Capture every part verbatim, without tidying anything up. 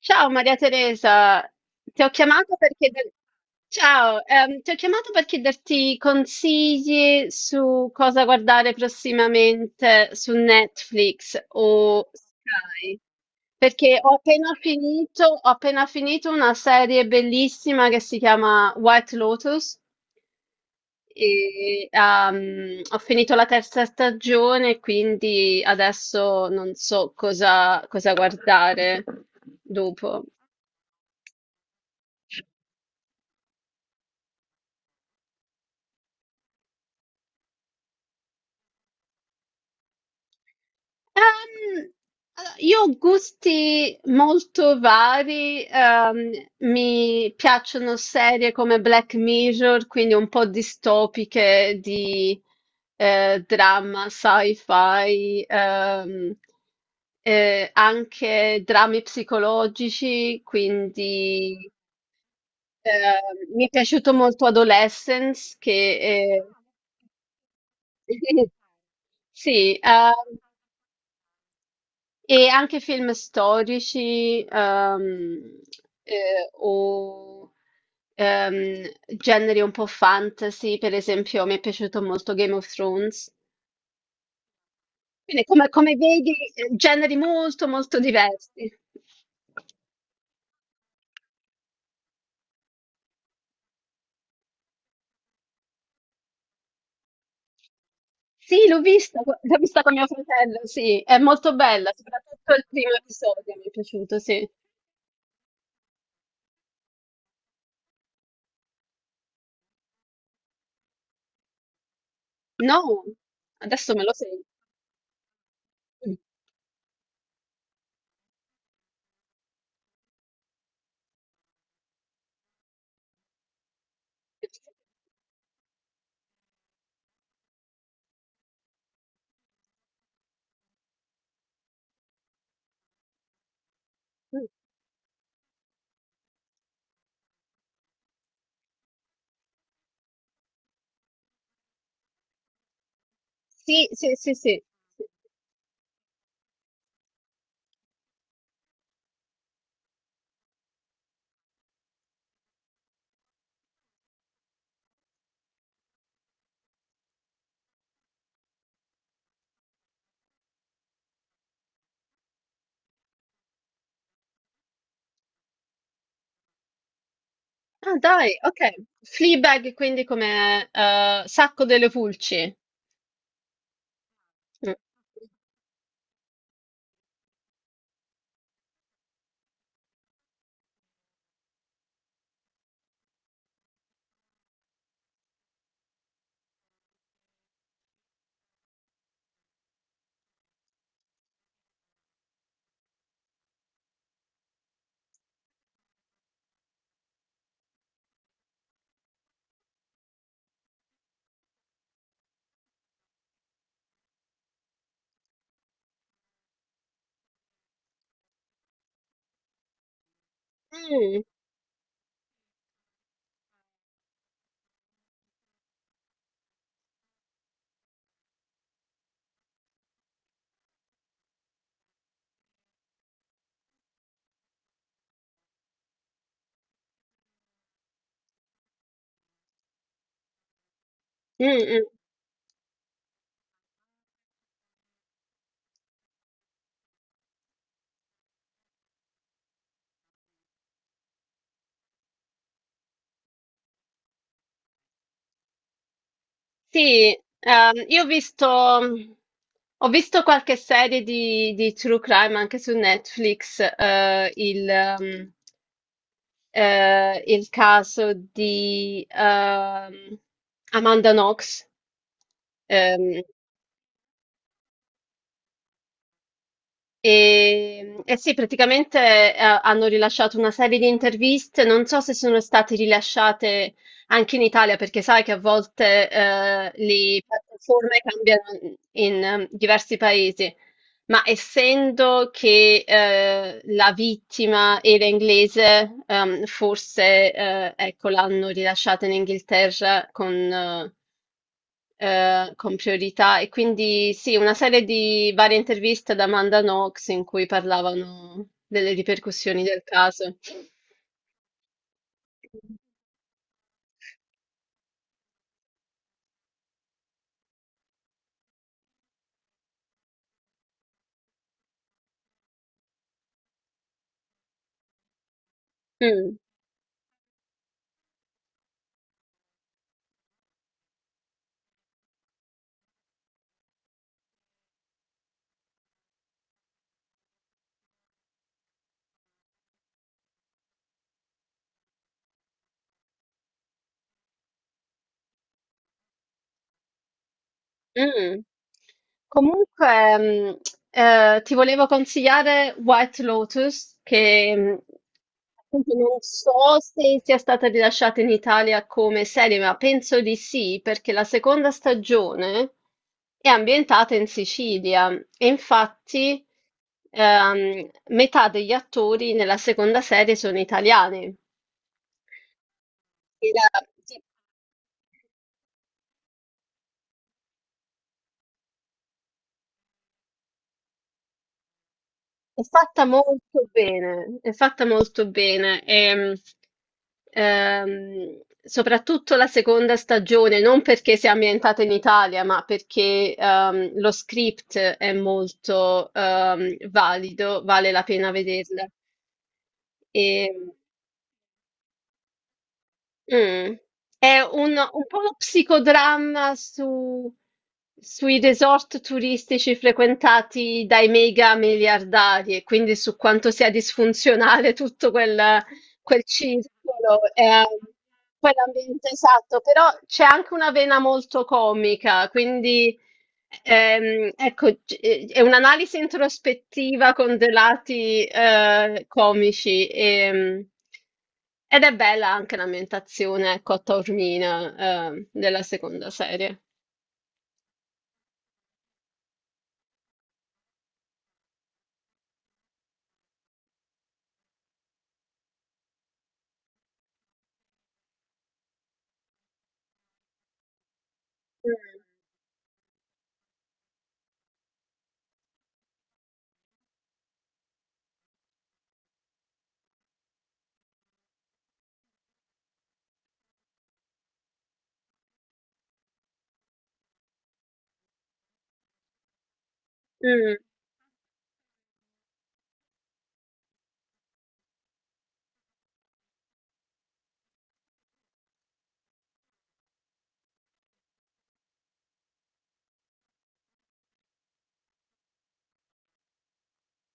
Ciao Maria Teresa. Ti ho chiamato per chieder- Ciao, ehm, ti ho chiamato per chiederti consigli su cosa guardare prossimamente su Netflix o Sky, perché ho appena finito, ho appena finito una serie bellissima che si chiama White Lotus e ehm, ho finito la terza stagione, quindi adesso non so cosa cosa guardare dopo. Ehm, allora, io ho gusti molto vari. Ehm, mi piacciono serie come Black Mirror, quindi un po' distopiche di eh, dramma, sci-fi, ehm, eh, anche drammi psicologici. Quindi ehm, mi è piaciuto molto Adolescence, che è... Sì. ehm, E anche film storici, ehm, eh, o ehm, generi un po' fantasy, per esempio, mi è piaciuto molto Game of Thrones. Quindi, come, come vedi, eh, generi molto, molto diversi. Sì, l'ho vista, co- l'ho vista con mio fratello, sì, è molto bella, soprattutto il primo episodio mi è piaciuto, sì. No, adesso me lo sento. Sì, sì, sì, sì. Ah dai, ok. Fleabag quindi come, eh, Sacco delle Pulci. Mm. Mm, mm, mm. Sì, ehm, io ho visto, ho visto qualche serie di, di True Crime anche su Netflix, eh, il, ehm, eh, il caso di ehm, Amanda Knox. Ehm, E, eh sì, praticamente eh, hanno rilasciato una serie di interviste, non so se sono state rilasciate anche in Italia, perché sai che a volte eh, le piattaforme cambiano in eh, diversi paesi, ma essendo che eh, la vittima era inglese, ehm, forse eh, ecco, l'hanno rilasciata in Inghilterra con, eh, eh, con priorità. E quindi sì, una serie di varie interviste ad Amanda Knox in cui parlavano delle ripercussioni del caso. Mm. Mm. Comunque, mm, eh, ti volevo consigliare White Lotus, che mm, appunto non so se sia stata rilasciata in Italia come serie, ma penso di sì, perché la seconda stagione è ambientata in Sicilia e infatti ehm, metà degli attori nella seconda serie sono italiani. Era È fatta molto bene, è fatta molto bene. E, ehm, soprattutto la seconda stagione, non perché sia ambientata in Italia, ma perché ehm, lo script è molto ehm, valido, vale la pena vederla. E, Mh. È un un po' uno psicodramma su sui resort turistici frequentati dai mega miliardari e quindi su quanto sia disfunzionale tutto quel quel circolo, ehm, quell'ambiente esatto, però c'è anche una vena molto comica. Quindi Ehm, ecco, c- eh, è un'analisi introspettiva con dei lati eh, comici, ehm, ed è bella anche l'ambientazione, ecco, a Taormina, ehm, della seconda serie. Mm, mm.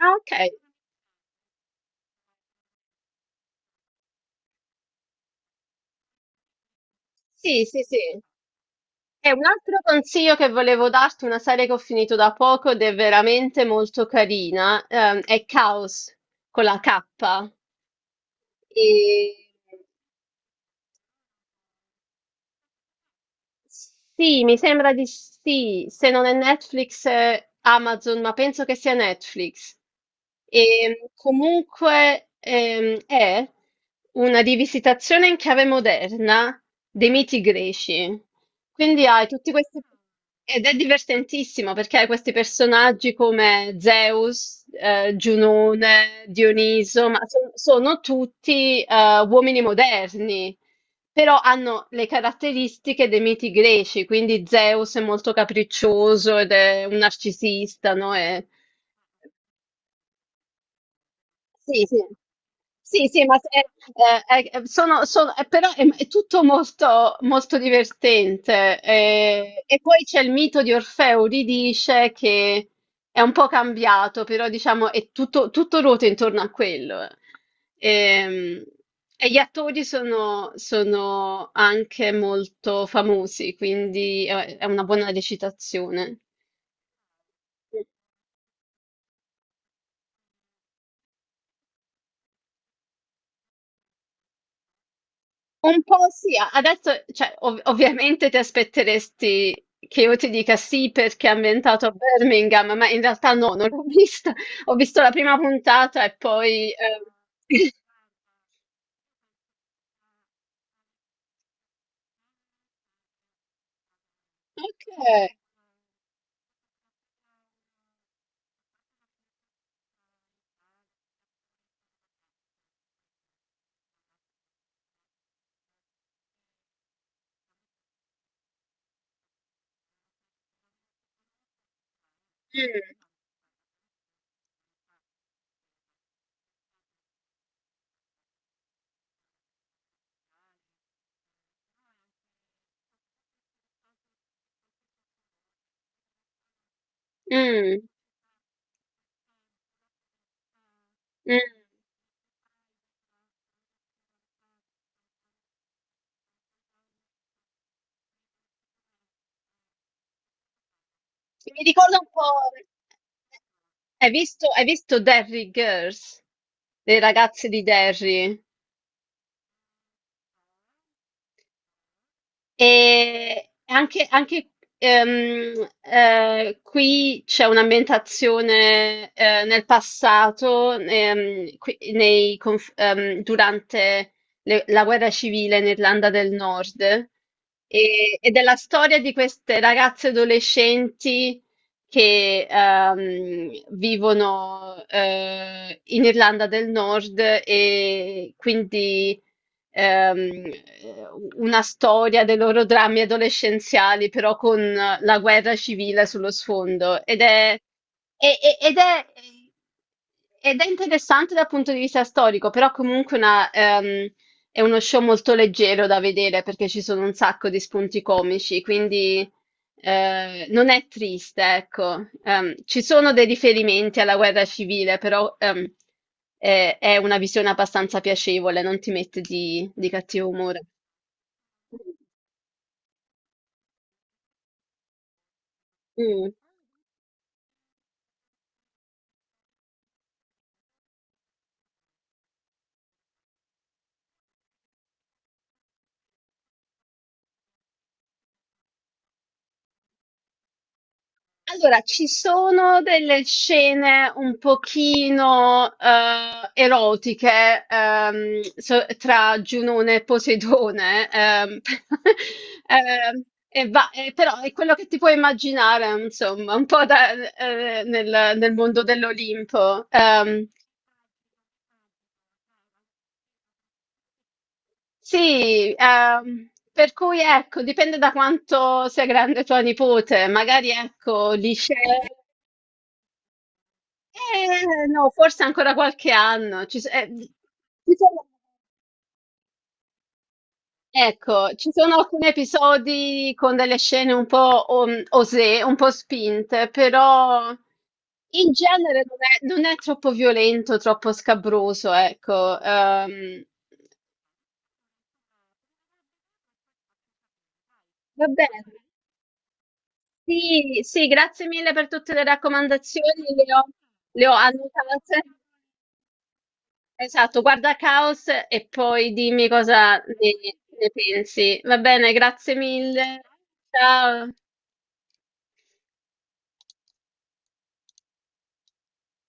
Ah, ok, sì, sì, sì. E un altro consiglio che volevo darti, una serie che ho finito da poco ed è veramente molto carina, ehm, è Chaos con la K. E- Sì, mi sembra di sì, se non è Netflix, è Amazon, ma penso che sia Netflix. E comunque ehm, è una rivisitazione in chiave moderna dei miti greci. Quindi hai tutti questi... Ed è divertentissimo perché hai questi personaggi come Zeus, eh, Giunone, Dioniso, ma so- sono tutti eh, uomini moderni. Però hanno le caratteristiche dei miti greci, quindi Zeus è molto capriccioso ed è un narcisista, no? E- sì, sì. Sì, sì, ma se- eh, eh, eh, sono, sono- eh, però è, è tutto molto, molto divertente. Eh, e poi c'è il mito di Orfeo, Euridice, che è un po' cambiato, però diciamo è tutto, tutto ruota intorno a quello. eh. Ehm, E, gli attori sono, sono anche molto famosi, quindi è è una buona recitazione. Un po' sì, a- adesso, cioè, ov- ovviamente ti aspetteresti che io ti dica sì perché è ambientato a Birmingham, ma in realtà no, non l'ho vista. Ho visto la prima puntata e poi... eh, Ok. Mm, mm, mm. Mi ricorda un po'... eh, Hai visto, hai visto Derry Girls? Le ragazze di Derry? E anche, anche, ehm, eh, qui c'è un'ambientazione eh, nel passato, ehm, qui- nei conf- ehm, durante le- la guerra civile in Irlanda del Nord, e, ed è la storia di queste ragazze adolescenti che ehm, vivono eh, in Irlanda del Nord e quindi ehm, una storia dei loro drammi adolescenziali, però con la guerra civile sullo sfondo. Ed è, e- e- ed è, ed è interessante dal punto di vista storico, però comunque una, ehm, è uno show molto leggero da vedere perché ci sono un sacco di spunti comici, quindi... Ehm, non è triste, ecco. Ehm, ci sono dei riferimenti alla guerra civile, però ehm, è, è una visione abbastanza piacevole, non ti mette di, di cattivo umore. Mm. Allora, ci sono delle scene un pochino eh, erotiche, ehm, so- tra Giunone e Poseidone, ehm, ehm, e va- e però è quello che ti puoi immaginare, insomma, un po' da- eh, nel, nel mondo dell'Olimpo. Ehm, sì, ehm, per cui ecco, dipende da quanto sia grande tua nipote, magari ecco, li scegli. Eh, no, forse ancora qualche anno. Ci s eh, ci sono, ecco, ci sono alcuni episodi con delle scene un po' om osé, un po' spinte, però in genere non è non è troppo violento, troppo scabroso, ecco. Ehm, va bene. Sì, sì, grazie mille per tutte le raccomandazioni, le ho le ho annotate. Esatto, guarda Caos e poi dimmi cosa ne, ne pensi. Va bene, grazie mille. Ciao.